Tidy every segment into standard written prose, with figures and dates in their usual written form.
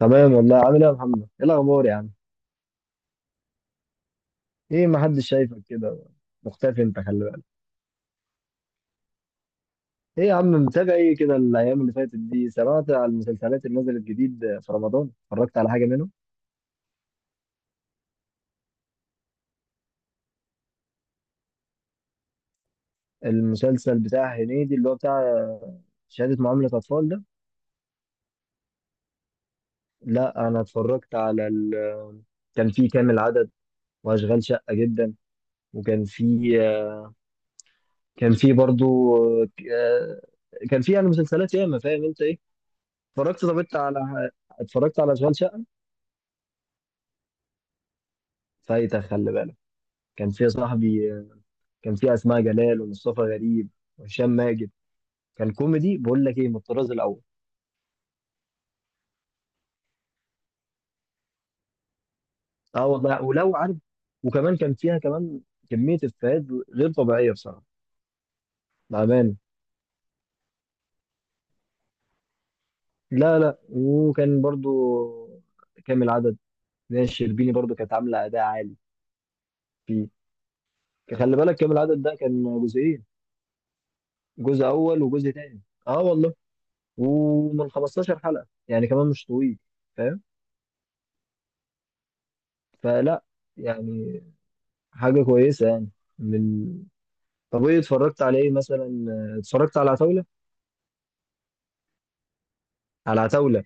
تمام والله عامل ايه يا محمد؟ ايه الاخبار يا عم؟ ايه ما حدش شايفك كده مختفي انت خلي بالك. ايه يا عم متابع ايه كده الايام اللي فاتت دي؟ سمعت على المسلسلات اللي نزلت جديد في رمضان؟ اتفرجت على حاجه منهم؟ المسلسل بتاع هنيدي اللي هو بتاع شهاده معامله اطفال ده؟ لا انا اتفرجت على كان في كامل عدد واشغال شقه جدا وكان في كان في برضو آه، كان في يعني مسلسلات ياما فاهم انت ايه؟ اتفرجت على اشغال شقه؟ فايتك خلي بالك. كان فيها صاحبي كان فيها اسماء جلال ومصطفى غريب وهشام ماجد، كان كوميدي بقول لك ايه من الطراز الاول. اه والله ولو عارف، وكمان كان فيها كمان كميه افيهات غير طبيعيه بصراحه، بامانه. لا لا، وكان برضو كامل عدد، ناس شربيني برضو كانت عامله اداء عالي فيه. خلي بالك كامل العدد ده كان جزئين، جزء اول وجزء تاني. اه والله ومن 15 حلقه، يعني كمان مش طويل، فاهم؟ فلا يعني حاجه كويسه يعني. من طب ايه اتفرجت على ايه مثلا؟ اتفرجت على عتاولة، على عتاولة.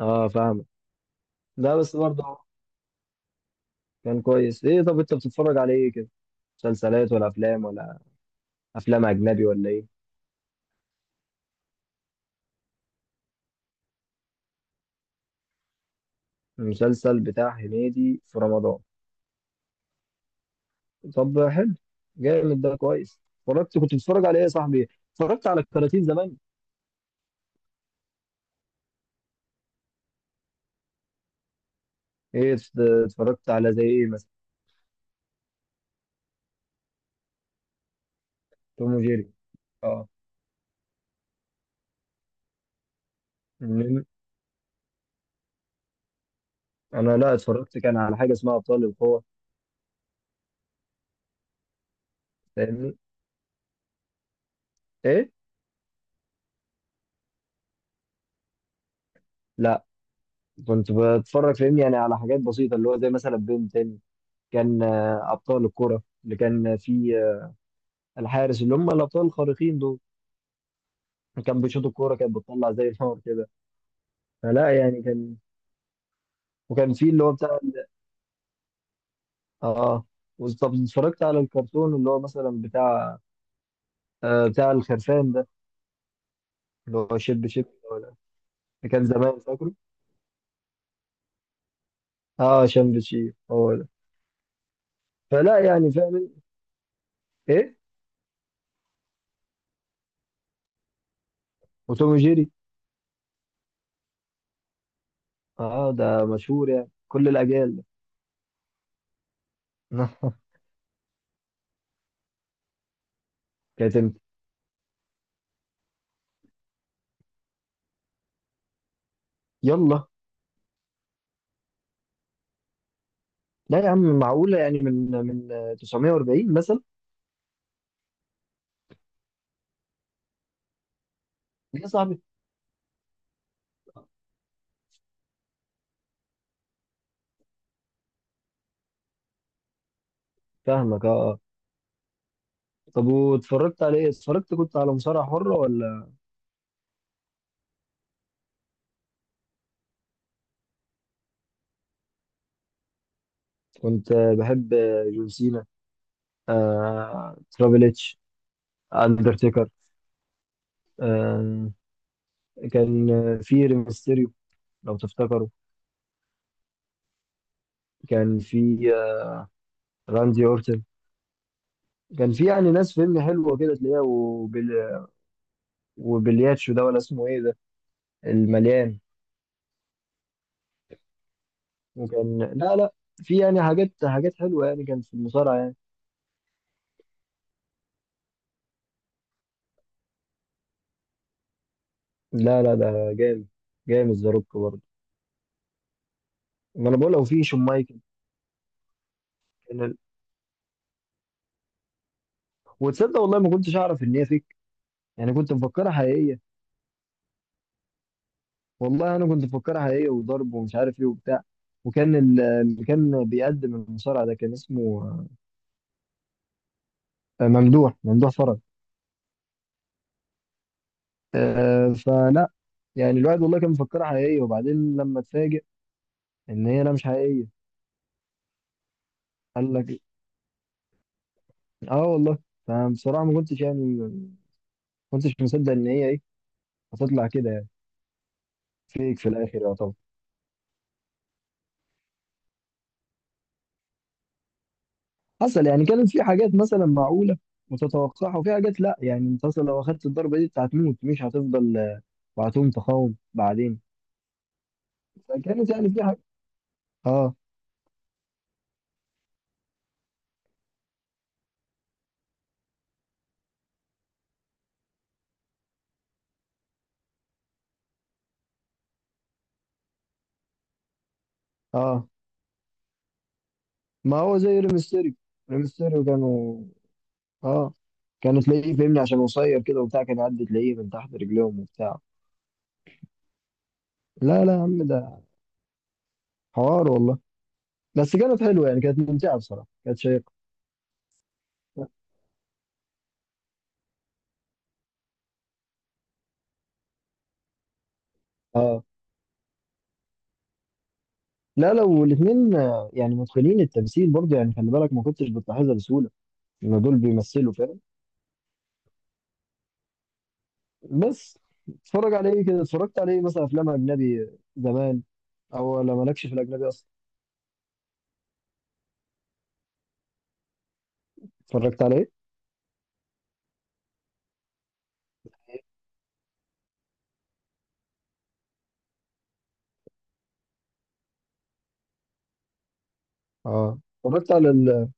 اه فاهمك. ده بس برضه كان كويس. ايه طب انت بتتفرج على ايه كده؟ مسلسلات ولا افلام ولا افلام اجنبي ولا ايه؟ المسلسل بتاع هنيدي في رمضان؟ طب حلو، جامد ده كويس. اتفرجت كنت بتتفرج على ايه يا صاحبي؟ اتفرجت على الكراتين زمان؟ ايه ات- اتفرجت على زي ايه مثلا؟ توم وجيري، اه. مم. انا لا اتفرجت كان على حاجة اسمها ابطال القوة، فاهمني؟ ايه، لا كنت بتفرج فاهمني يعني على حاجات بسيطه اللي هو زي مثلا بنتين، كان ابطال الكره اللي كان في الحارس اللي هم الابطال الخارقين دول، كان بيشوط الكوره كانت بتطلع زي النار كده. فلا يعني كان، وكان في اللي هو بتاع ال- اه. طب اتفرجت على الكرتون اللي هو مثلا بتاع بتاع الخرفان ده، اللي هو شيب شيب، ولا اللي كان زمان فاكره؟ اه شمب شيب هو ده. فلا يعني فاهم. ايه وتوم جيري؟ اه ده مشهور يعني كل الاجيال ده. كانت امتى؟ يلا، لا يا عم معقولة؟ يعني من 940 مثلا؟ يا صاحبي فاهمك. اه طب واتفرجت على ايه؟ اتفرجت كنت على مصارعة حرة ولا؟ كنت بحب جون سينا، ترابل اتش، اندرتيكر، آه، كان في ريمستيريو لو تفتكروا، كان في راندي اورتن. كان في يعني ناس فيلم حلوة كده تلاقيها وبلياتشو ده، ولا اسمه ايه ده المليان؟ وكان لا لا في يعني حاجات حاجات حلوة يعني كان في المصارعة يعني. لا لا ده جامد، جامد ذا روك برضه. ما انا بقول لو في شون مايكل. كان- وتصدق والله ما كنتش اعرف ان هي فيك، يعني كنت مفكرها حقيقيه. والله انا كنت مفكرها حقيقيه، وضرب ومش عارف ايه وبتاع. اللي كان بيقدم المصارع ده كان اسمه ممدوح فرج. فلا يعني الواحد والله كان مفكرها حقيقيه، وبعدين لما اتفاجئ ان هي لا مش حقيقيه. قال لك اه والله. فبصراحه ما كنتش مصدق ان هي ايه هتطلع كده يعني. فيك في الاخر يعتبر حصل يعني، كانت في حاجات مثلا معقولة متتوقعة، وفي حاجات لا يعني انت اصلا لو اخدت الضربة دي انت هتموت مش هتفضل وهتقوم تقاوم بعدين. فكانت يعني في حاجة، اه. اه ما هو زي ريمستيريو. ريمستيريو كانوا، اه، كانوا تلاقيه فاهمني عشان قصير كده وبتاع، كان يعدي تلاقيه من تحت رجليهم وبتاع. لا لا يا عم ده حوار والله. بس كانت حلوة يعني، كانت ممتعة بصراحة، كانت شيقة. اه لا، لو الاثنين يعني متقنين التمثيل برضه، يعني خلي بالك ما كنتش بتلاحظها بسهولة ان دول بيمثلوا، فاهم؟ بس اتفرج على ايه كده؟ اتفرجت على ايه مثلا افلام اجنبي زمان، او ولا مالكش في الاجنبي اصلا؟ اتفرجت على ايه؟ اه اتفرجت على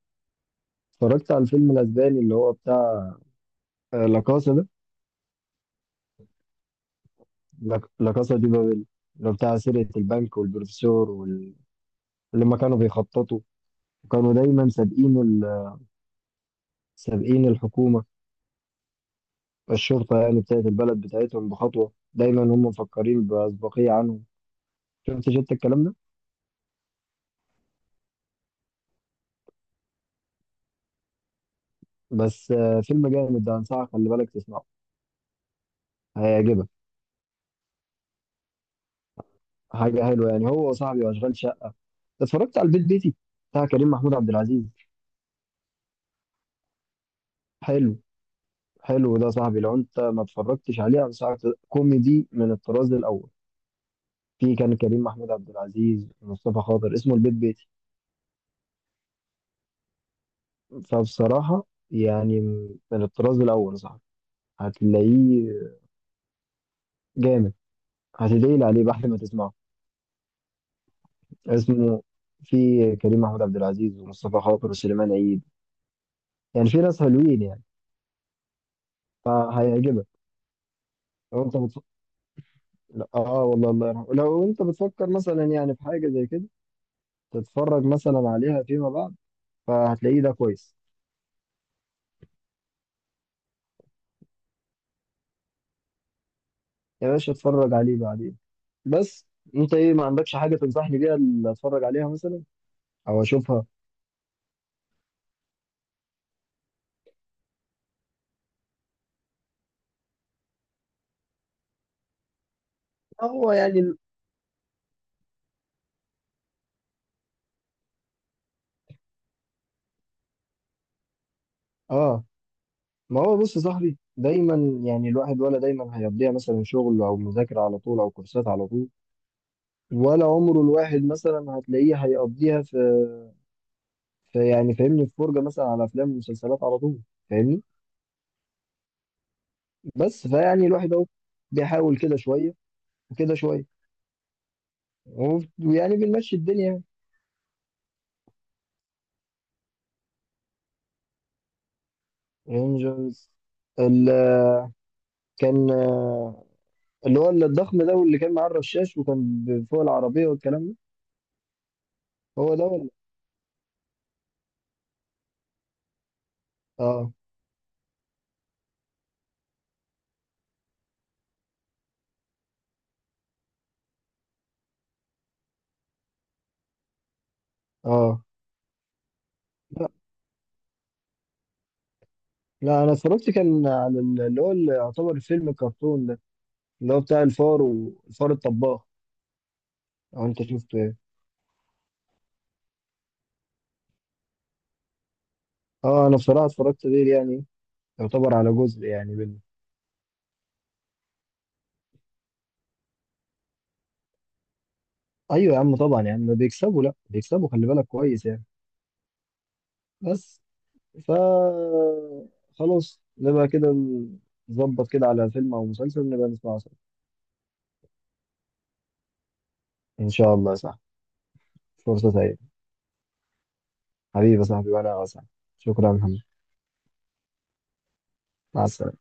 اتفرجت على الفيلم الاسباني اللي هو بتاع لا كاسا ده، لا لا كاسا دي بابل، اللي هو بتاع سرقة البنك والبروفيسور اللي ما كانوا بيخططوا، وكانوا دايما سابقين الحكومة، الشرطة يعني بتاعت البلد بتاعتهم، بخطوة دايما هم مفكرين بأسبقية عنهم. شفت الكلام ده؟ بس فيلم جامد ده، انصحك خلي بالك تسمعه، هيعجبك. حاجة حلوة يعني هو وصاحبي وأشغال شقة. اتفرجت على البيت بيتي بتاع كريم محمود عبد العزيز؟ حلو، حلو ده صاحبي، لو أنت ما اتفرجتش عليه أنصحك، كوميدي من الطراز الأول. في كان كريم محمود عبد العزيز ومصطفى خاطر، اسمه البيت بيتي. فبصراحة يعني من الطراز الأول صاحبي، هتلاقيه جامد، هتدعي لي عليه بعد ما تسمعه. اسمه في كريم محمود عبد العزيز ومصطفى خاطر وسليمان عيد، يعني في ناس حلوين يعني، فهيعجبك. لو أنت لا اه والله الله يرحمه. لو انت بتفكر مثلا يعني في حاجه زي كده تتفرج مثلا عليها فيما بعد، فهتلاقيه ده كويس. يا باشا اتفرج عليه بعدين. بس انت ايه ما عندكش حاجه تنصحني بيها اللي اتفرج عليها مثلا او اشوفها؟ هو يعني ال- اه ما هو بص يا صاحبي، دايما يعني الواحد ولا دايما هيقضيها مثلا شغل او مذاكره على طول، او كورسات على طول، ولا عمره الواحد مثلا هتلاقيه هيقضيها في, في يعني فاهمني في فرجه مثلا على افلام ومسلسلات على طول، فاهمني؟ بس فيعني الواحد اهو بيحاول كده شويه وكده شويه، ويعني بنمشي الدنيا يعني. رينجرز ال- كان اللي هو الضخم ده، واللي كان معاه الرشاش وكان فوق العربيه والكلام ده. هو ده ولا؟ اه اه. لا لا انا اتفرجت كان على اللي هو اللي يعتبر فيلم الكرتون ده اللي هو بتاع الفار والفار الطباخ، لو انت شفته يعني. اه انا بصراحه اتفرجت غير يعني، يعتبر على جزء يعني منه. ايوه يا عم طبعا، يعني بيكسبوا، لا بيكسبوا خلي بالك كويس يعني. بس ف خلاص نبقى كده، نظبط كده على فيلم أو مسلسل نبقى نسمعه سوا. إن شاء الله صح. فرصة سعيدة حبيبي يا صاحبي وأنا أسعد. شكرا يا محمد. مع السلامة.